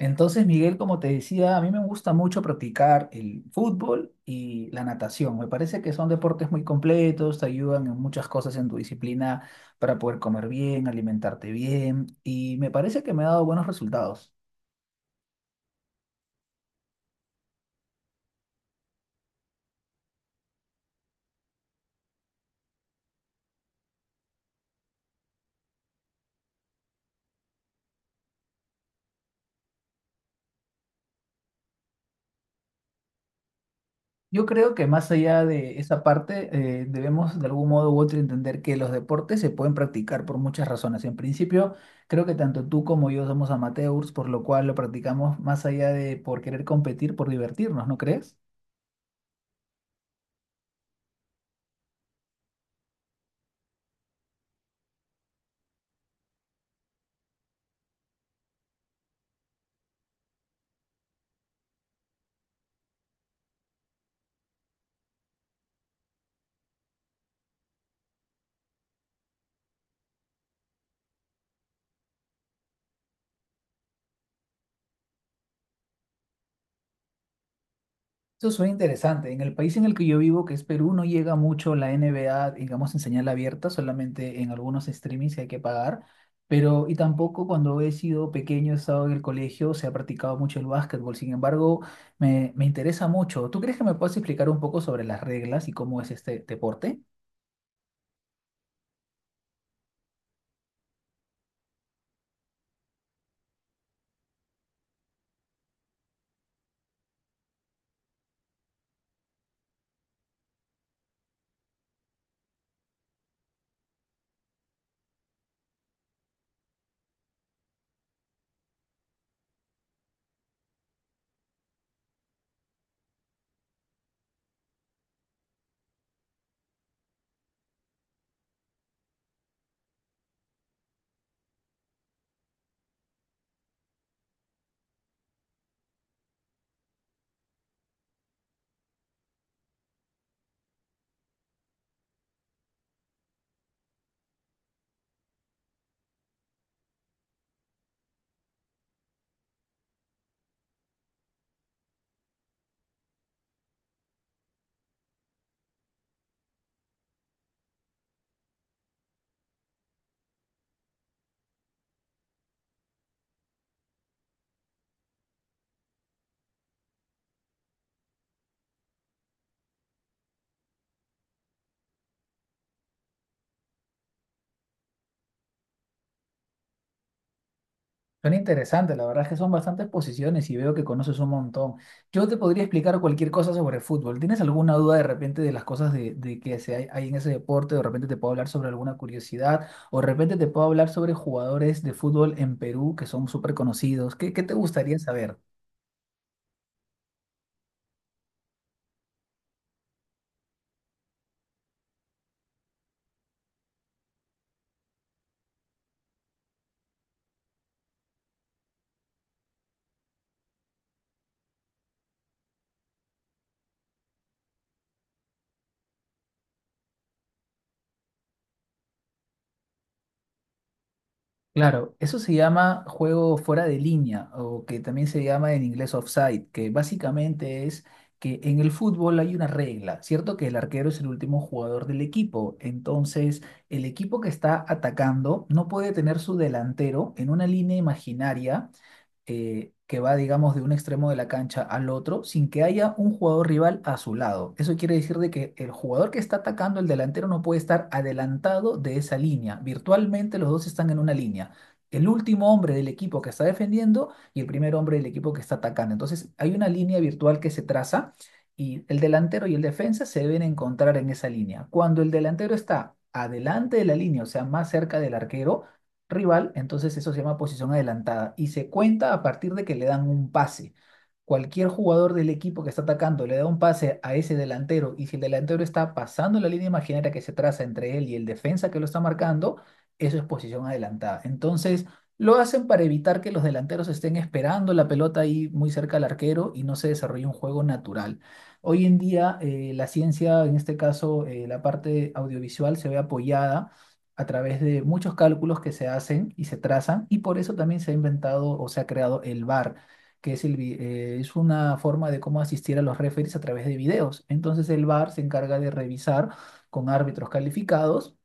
Entonces, Miguel, como te decía, a mí me gusta mucho practicar el fútbol y la natación. Me parece que son deportes muy completos, te ayudan en muchas cosas en tu disciplina para poder comer bien, alimentarte bien y me parece que me ha dado buenos resultados. Yo creo que más allá de esa parte, debemos de algún modo u otro entender que los deportes se pueden practicar por muchas razones. En principio, creo que tanto tú como yo somos amateurs, por lo cual lo practicamos más allá de por querer competir, por divertirnos, ¿no crees? Eso suena interesante. En el país en el que yo vivo, que es Perú, no llega mucho la NBA, digamos, en señal abierta, solamente en algunos streamings que hay que pagar. Pero, y tampoco cuando he sido pequeño, he estado en el colegio, se ha practicado mucho el básquetbol. Sin embargo, me interesa mucho. ¿Tú crees que me puedes explicar un poco sobre las reglas y cómo es este deporte? Son interesantes, la verdad es que son bastantes posiciones y veo que conoces un montón. Yo te podría explicar cualquier cosa sobre fútbol. ¿Tienes alguna duda de repente de las cosas de que hay en ese deporte? ¿O de repente te puedo hablar sobre alguna curiosidad? ¿O de repente te puedo hablar sobre jugadores de fútbol en Perú que son súper conocidos? ¿Qué te gustaría saber? Claro, eso se llama juego fuera de línea o que también se llama en inglés offside, que básicamente es que en el fútbol hay una regla, ¿cierto? Que el arquero es el último jugador del equipo, entonces el equipo que está atacando no puede tener su delantero en una línea imaginaria que va, digamos, de un extremo de la cancha al otro sin que haya un jugador rival a su lado. Eso quiere decir de que el jugador que está atacando, el delantero, no puede estar adelantado de esa línea. Virtualmente los dos están en una línea. El último hombre del equipo que está defendiendo y el primer hombre del equipo que está atacando. Entonces, hay una línea virtual que se traza y el delantero y el defensa se deben encontrar en esa línea. Cuando el delantero está adelante de la línea, o sea, más cerca del arquero, rival, entonces eso se llama posición adelantada y se cuenta a partir de que le dan un pase. Cualquier jugador del equipo que está atacando le da un pase a ese delantero y si el delantero está pasando la línea imaginaria que se traza entre él y el defensa que lo está marcando, eso es posición adelantada. Entonces lo hacen para evitar que los delanteros estén esperando la pelota ahí muy cerca al arquero y no se desarrolle un juego natural. Hoy en día la ciencia, en este caso la parte audiovisual, se ve apoyada a través de muchos cálculos que se hacen y se trazan, y por eso también se ha inventado o se ha creado el VAR, que es, es una forma de cómo asistir a los referees a través de videos. Entonces el VAR se encarga de revisar con árbitros calificados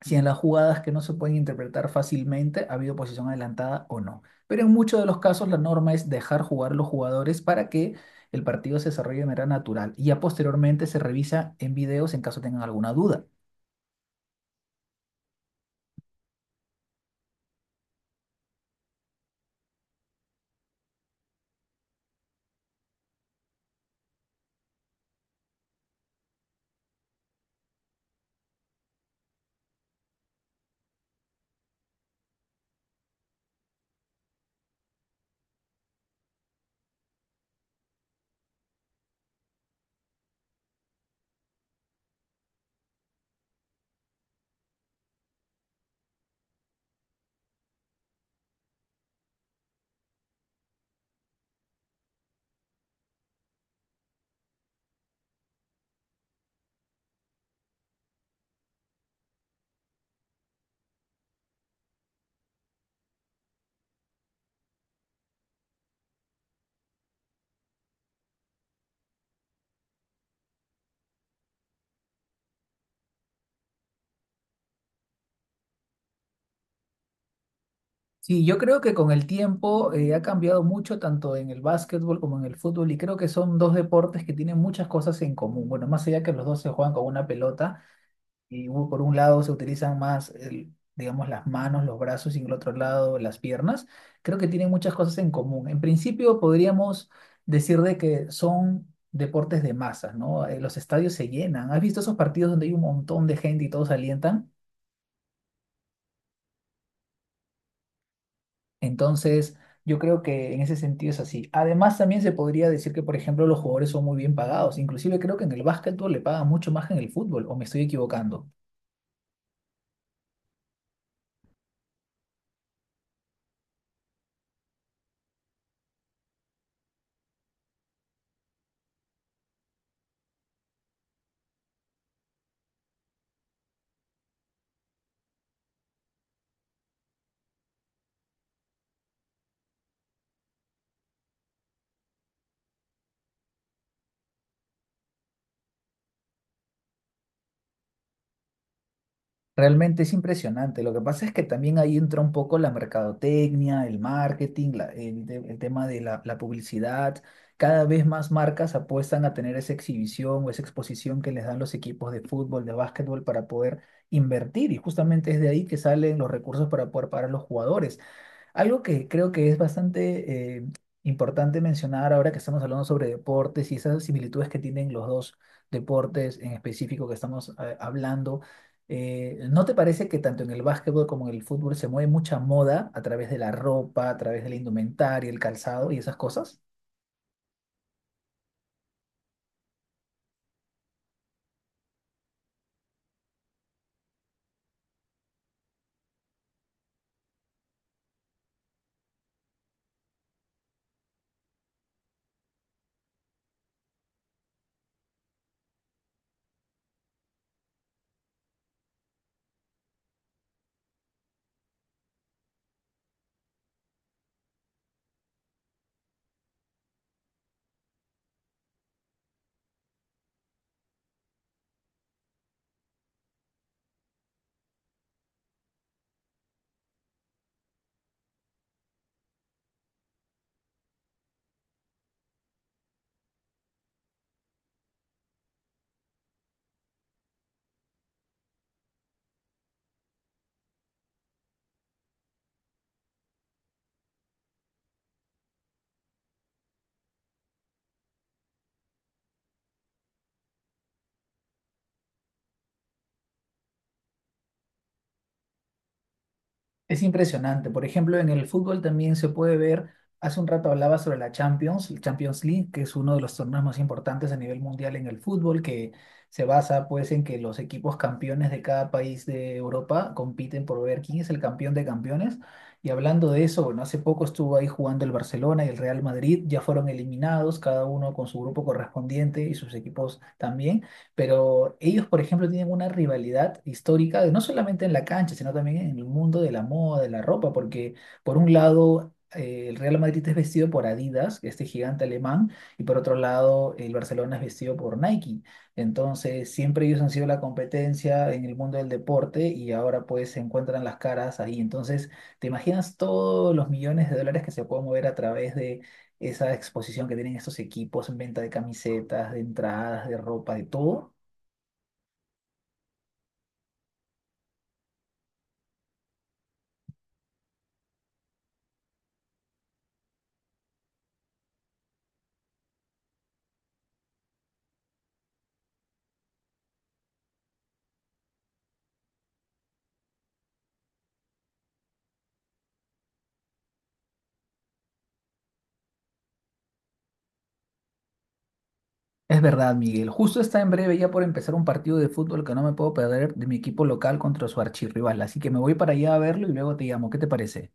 si en las jugadas que no se pueden interpretar fácilmente ha habido posición adelantada o no. Pero en muchos de los casos la norma es dejar jugar a los jugadores para que el partido se desarrolle de manera natural y ya posteriormente se revisa en videos en caso tengan alguna duda. Sí, yo creo que con el tiempo ha cambiado mucho tanto en el básquetbol como en el fútbol y creo que son dos deportes que tienen muchas cosas en común. Bueno, más allá que los dos se juegan con una pelota y por un lado se utilizan más, digamos, las manos, los brazos y en el otro lado las piernas, creo que tienen muchas cosas en común. En principio podríamos decir de que son deportes de masas, ¿no? Los estadios se llenan. ¿Has visto esos partidos donde hay un montón de gente y todos alientan? Entonces, yo creo que en ese sentido es así. Además, también se podría decir que, por ejemplo, los jugadores son muy bien pagados. Inclusive creo que en el básquetbol le pagan mucho más que en el fútbol, o me estoy equivocando. Realmente es impresionante. Lo que pasa es que también ahí entra un poco la mercadotecnia, el marketing, el tema de la publicidad. Cada vez más marcas apuestan a tener esa exhibición o esa exposición que les dan los equipos de fútbol, de básquetbol, para poder invertir. Y justamente es de ahí que salen los recursos para poder pagar a los jugadores. Algo que creo que es bastante importante mencionar ahora que estamos hablando sobre deportes y esas similitudes que tienen los dos deportes en específico que estamos hablando, ¿no te parece que tanto en el básquetbol como en el fútbol se mueve mucha moda a través de la ropa, a través de la indumentaria, el calzado y esas cosas? Es impresionante. Por ejemplo, en el fútbol también se puede ver, hace un rato hablaba sobre la Champions, el Champions League, que es uno de los torneos más importantes a nivel mundial en el fútbol, que se basa pues en que los equipos campeones de cada país de Europa compiten por ver quién es el campeón de campeones. Y hablando de eso, bueno, hace poco estuvo ahí jugando el Barcelona y el Real Madrid, ya fueron eliminados, cada uno con su grupo correspondiente y sus equipos también. Pero ellos, por ejemplo, tienen una rivalidad histórica, no solamente en la cancha, sino también en el mundo de la moda, de la ropa, porque por un lado el Real Madrid es vestido por Adidas, este gigante alemán, y por otro lado el Barcelona es vestido por Nike. Entonces, siempre ellos han sido la competencia en el mundo del deporte y ahora pues se encuentran las caras ahí. Entonces, ¿te imaginas todos los millones de dólares que se pueden mover a través de esa exposición que tienen estos equipos en venta de camisetas, de entradas, de ropa, de todo? Es verdad, Miguel. Justo está en breve ya por empezar un partido de fútbol que no me puedo perder de mi equipo local contra su archirrival. Así que me voy para allá a verlo y luego te llamo. ¿Qué te parece?